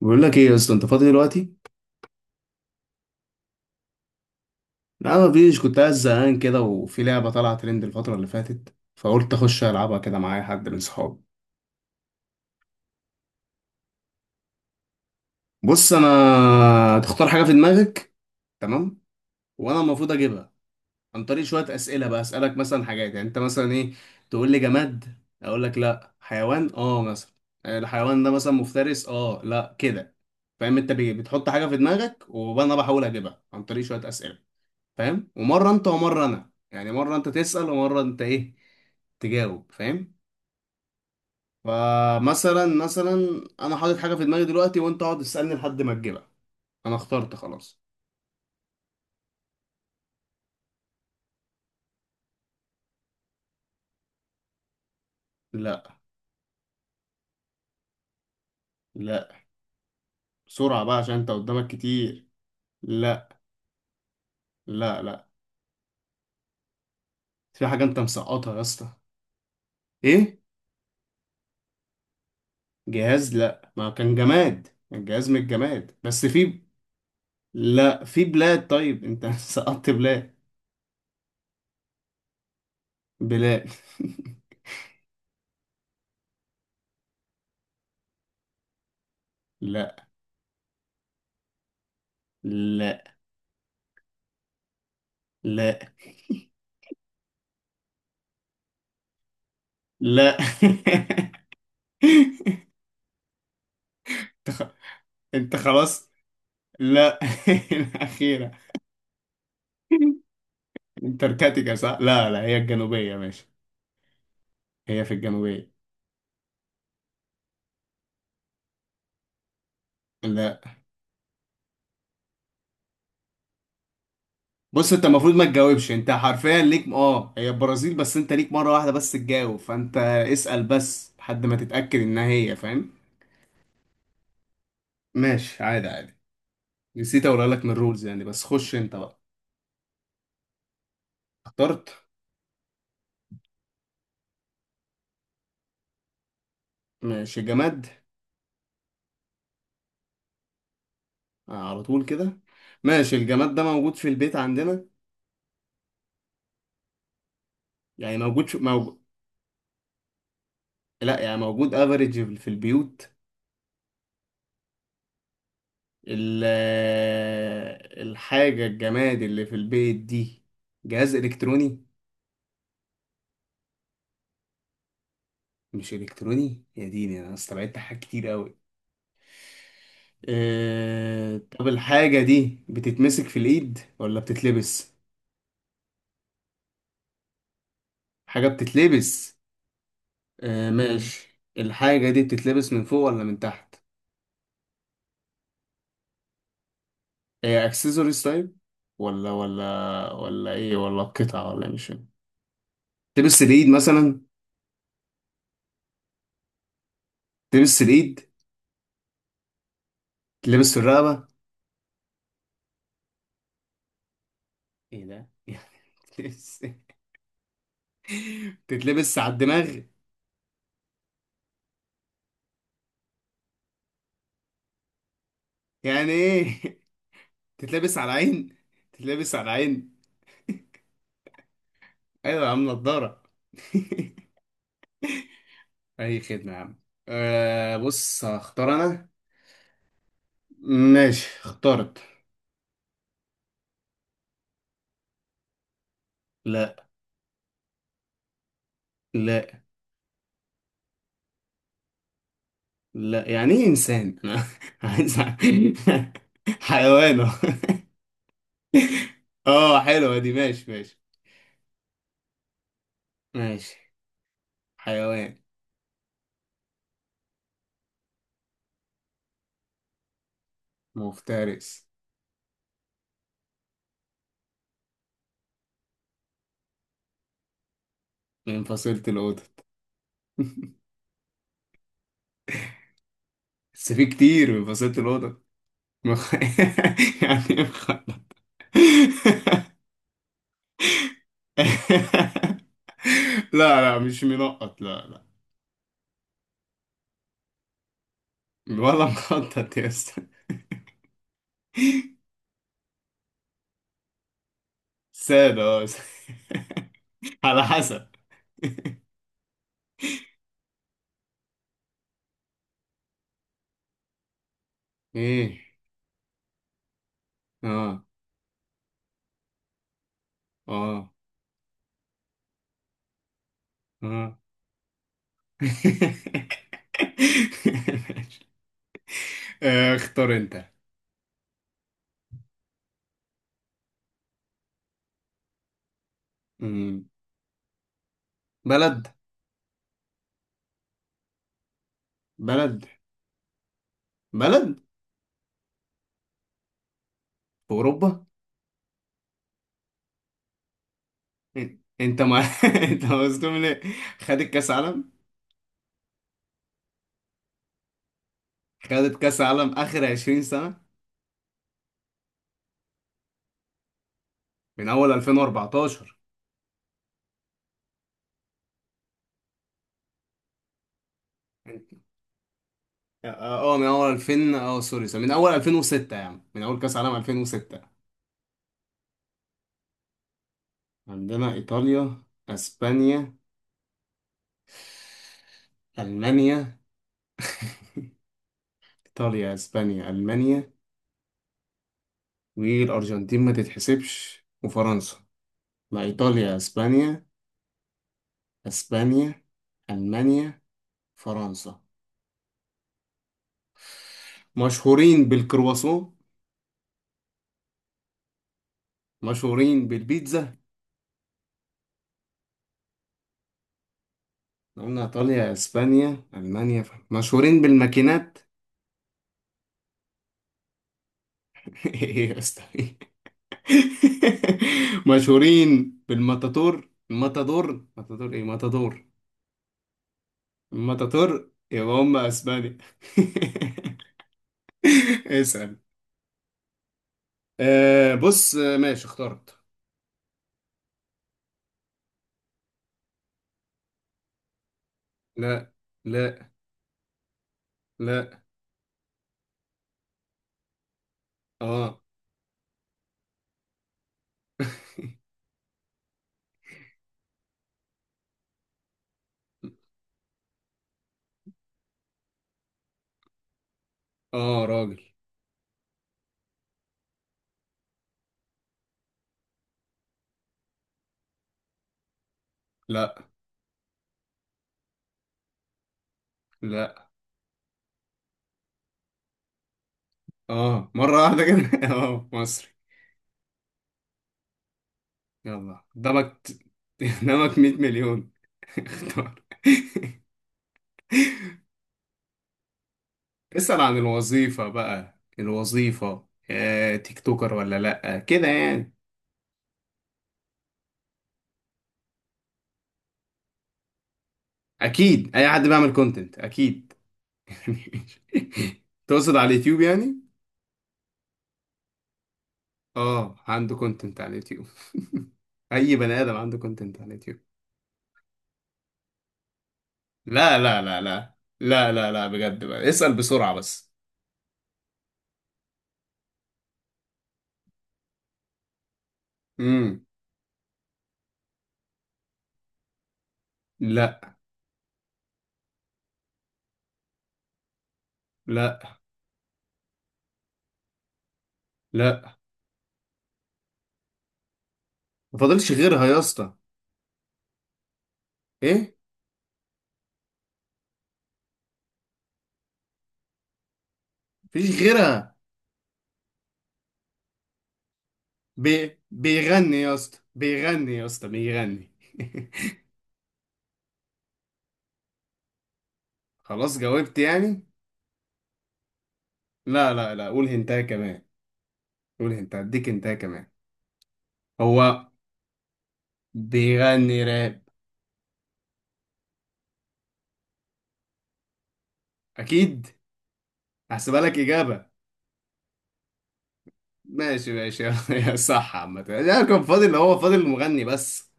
بقول لك ايه يا اسطى، انت فاضي دلوقتي؟ لا ما فيش، كنت قاعد زهقان كده وفي لعبه طالعه ترند الفتره اللي فاتت، فقلت اخش العبها كده معايا حد من صحابي. بص، انا تختار حاجه في دماغك. تمام؟ وانا المفروض اجيبها عن طريق شويه اسئله بقى، اسالك مثلا حاجات. يعني انت مثلا ايه، تقول لي جماد اقول لك لا، حيوان اه مثلا. آه، الحيوان ده مثلا مفترس، اه لا كده. فاهم؟ انت بتحط حاجه في دماغك وانا بحاول اجيبها عن طريق شويه اسئله. فاهم؟ ومره انت ومره انا. يعني مره انت تسال ومره انت ايه، تجاوب. فاهم؟ فمثلا مثلا انا حاطط حاجه في دماغي دلوقتي، وانت اقعد تسالني لحد ما تجيبها. انا اخترت خلاص. لا. لا. بسرعه بقى عشان انت قدامك كتير. لا. لا. لا. في حاجه انت مسقطها يا اسطى. ايه. جهاز لا، ما كان جماد، الجهاز من الجماد، بس في. لا، في بلاد طيب انت سقطت بلاد. بلاد. لا لا. لا لا. انت خ- انت خلاص. لا. الأخيرة. انتاركتيكا صح؟ لا لا، هي الجنوبية ماشي. هي في الجنوبية. لا. بص، انت المفروض ما تجاوبش، انت حرفيا ليك اه، هي البرازيل، بس انت ليك مرة واحدة بس تجاوب، فانت اسأل بس لحد ما تتأكد انها هي. فاهم؟ ماشي، عادي عادي. نسيت اقولها لك من الرولز يعني، بس خش انت بقى. اخترت. ماشي. جماد. آه على طول كده. ماشي، الجماد ده موجود في البيت عندنا. يعني موجود. لا يعني موجود افريج في البيوت. ال- الحاجة الجماد اللي في البيت دي جهاز الكتروني. مش الكتروني، يا ديني انا استبعدت حاجات كتير قوي. طب الحاجة دي بتتمسك في الايد ولا بتتلبس؟ حاجة بتتلبس. أه ماشي، الحاجة دي بتتلبس من فوق ولا من تحت؟ هي اكسسوارز طيب، ولا ولا ولا ايه، ولا قطعة، ولا مش فاهم. تلبس الايد مثلا؟ تلبس الايد. تلبس في الرقبة. ايه ده يعني. تتلبس. تتلبس على الدماغ. يعني ايه تتلبس على العين. تتلبس على العين. ايوه يا عم نضاره. اي خدمه يا عم. أه بص، هختار انا. ماشي اخترت. لا. لا. لا يعني ايه انسان انا عايز حيوانه اه حلوه دي، ماشي ماشي. ماشي. حيوان. مفترس. من فصيلة القطط. بس في كتير من فصيلة القطط. مخ... يعني إيه مخ...؟ لا لا، مش منقط، لا لا. ولا مخطط يا اسطى. ساد اه. على حسب. ايه. اه. اه. اه. آه، اختار انت. مم. بلد. بلد. بلد. في اوروبا. انت ما انت مصدوم ليه؟ خدت كاس عالم. خدت كاس عالم اخر 20 سنة. من اول 2014. اه. آه، من اول 2000 اه، سوري سوري، من اول 2006، يعني من اول كاس عالم 2006. عندنا ايطاليا، اسبانيا، المانيا. ايطاليا اسبانيا المانيا، والارجنتين ما تتحسبش، وفرنسا. لا، ايطاليا اسبانيا. اسبانيا. المانيا. فرنسا. مشهورين بالكرواسون. مشهورين بالبيتزا. قلنا ايطاليا اسبانيا المانيا، مشهورين بالماكينات. ايه يا اسطى. مشهورين بالماتاتور، الماتادور، ماتادور، ايه ماتادور. الماتاتور يبقى هم اسبانيا. اسأل. آه بص، آه، ماشي اخترت. لا. لا. لا. اه. اه راجل. لا. لا. اه مرة واحدة كده اه مصري. يلا قدامك قدامك 100 مليون اختار اسأل عن الوظيفة بقى. الوظيفة آه، تيك توكر ولا لأ كده يعني. أكيد أي حد بيعمل كونتنت أكيد. تقصد على اليوتيوب يعني؟ آه عنده كونتنت على اليوتيوب. أي بني آدم عنده كونتنت على اليوتيوب. لا لا لا لا. لا لا لا بجد بقى، اسأل بسرعة بس. امم. لا. لا. لا. ما فاضلش غيرها يا اسطى. إيه؟ مفيش غيرها. بيغني يا اسطى، بيغني يا اسطى، بيغني. خلاص جاوبت يعني. لا لا لا، قول هنتايه كمان. قول هنتايه اديك هنتايه كمان. هو بيغني راب. اكيد. هحسبها لك اجابه. ماشي ماشي يا صح عامه، لا كان فاضل، هو فاضل المغني بس.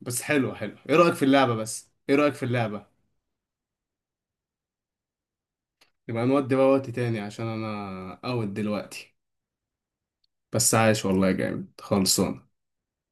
بس حلو، حلو، ايه رايك في اللعبه؟ بس ايه رايك في اللعبه؟ يبقى نودي بقى وقت تاني عشان انا اوت دلوقتي. بس عايش والله، جامد، خلصان.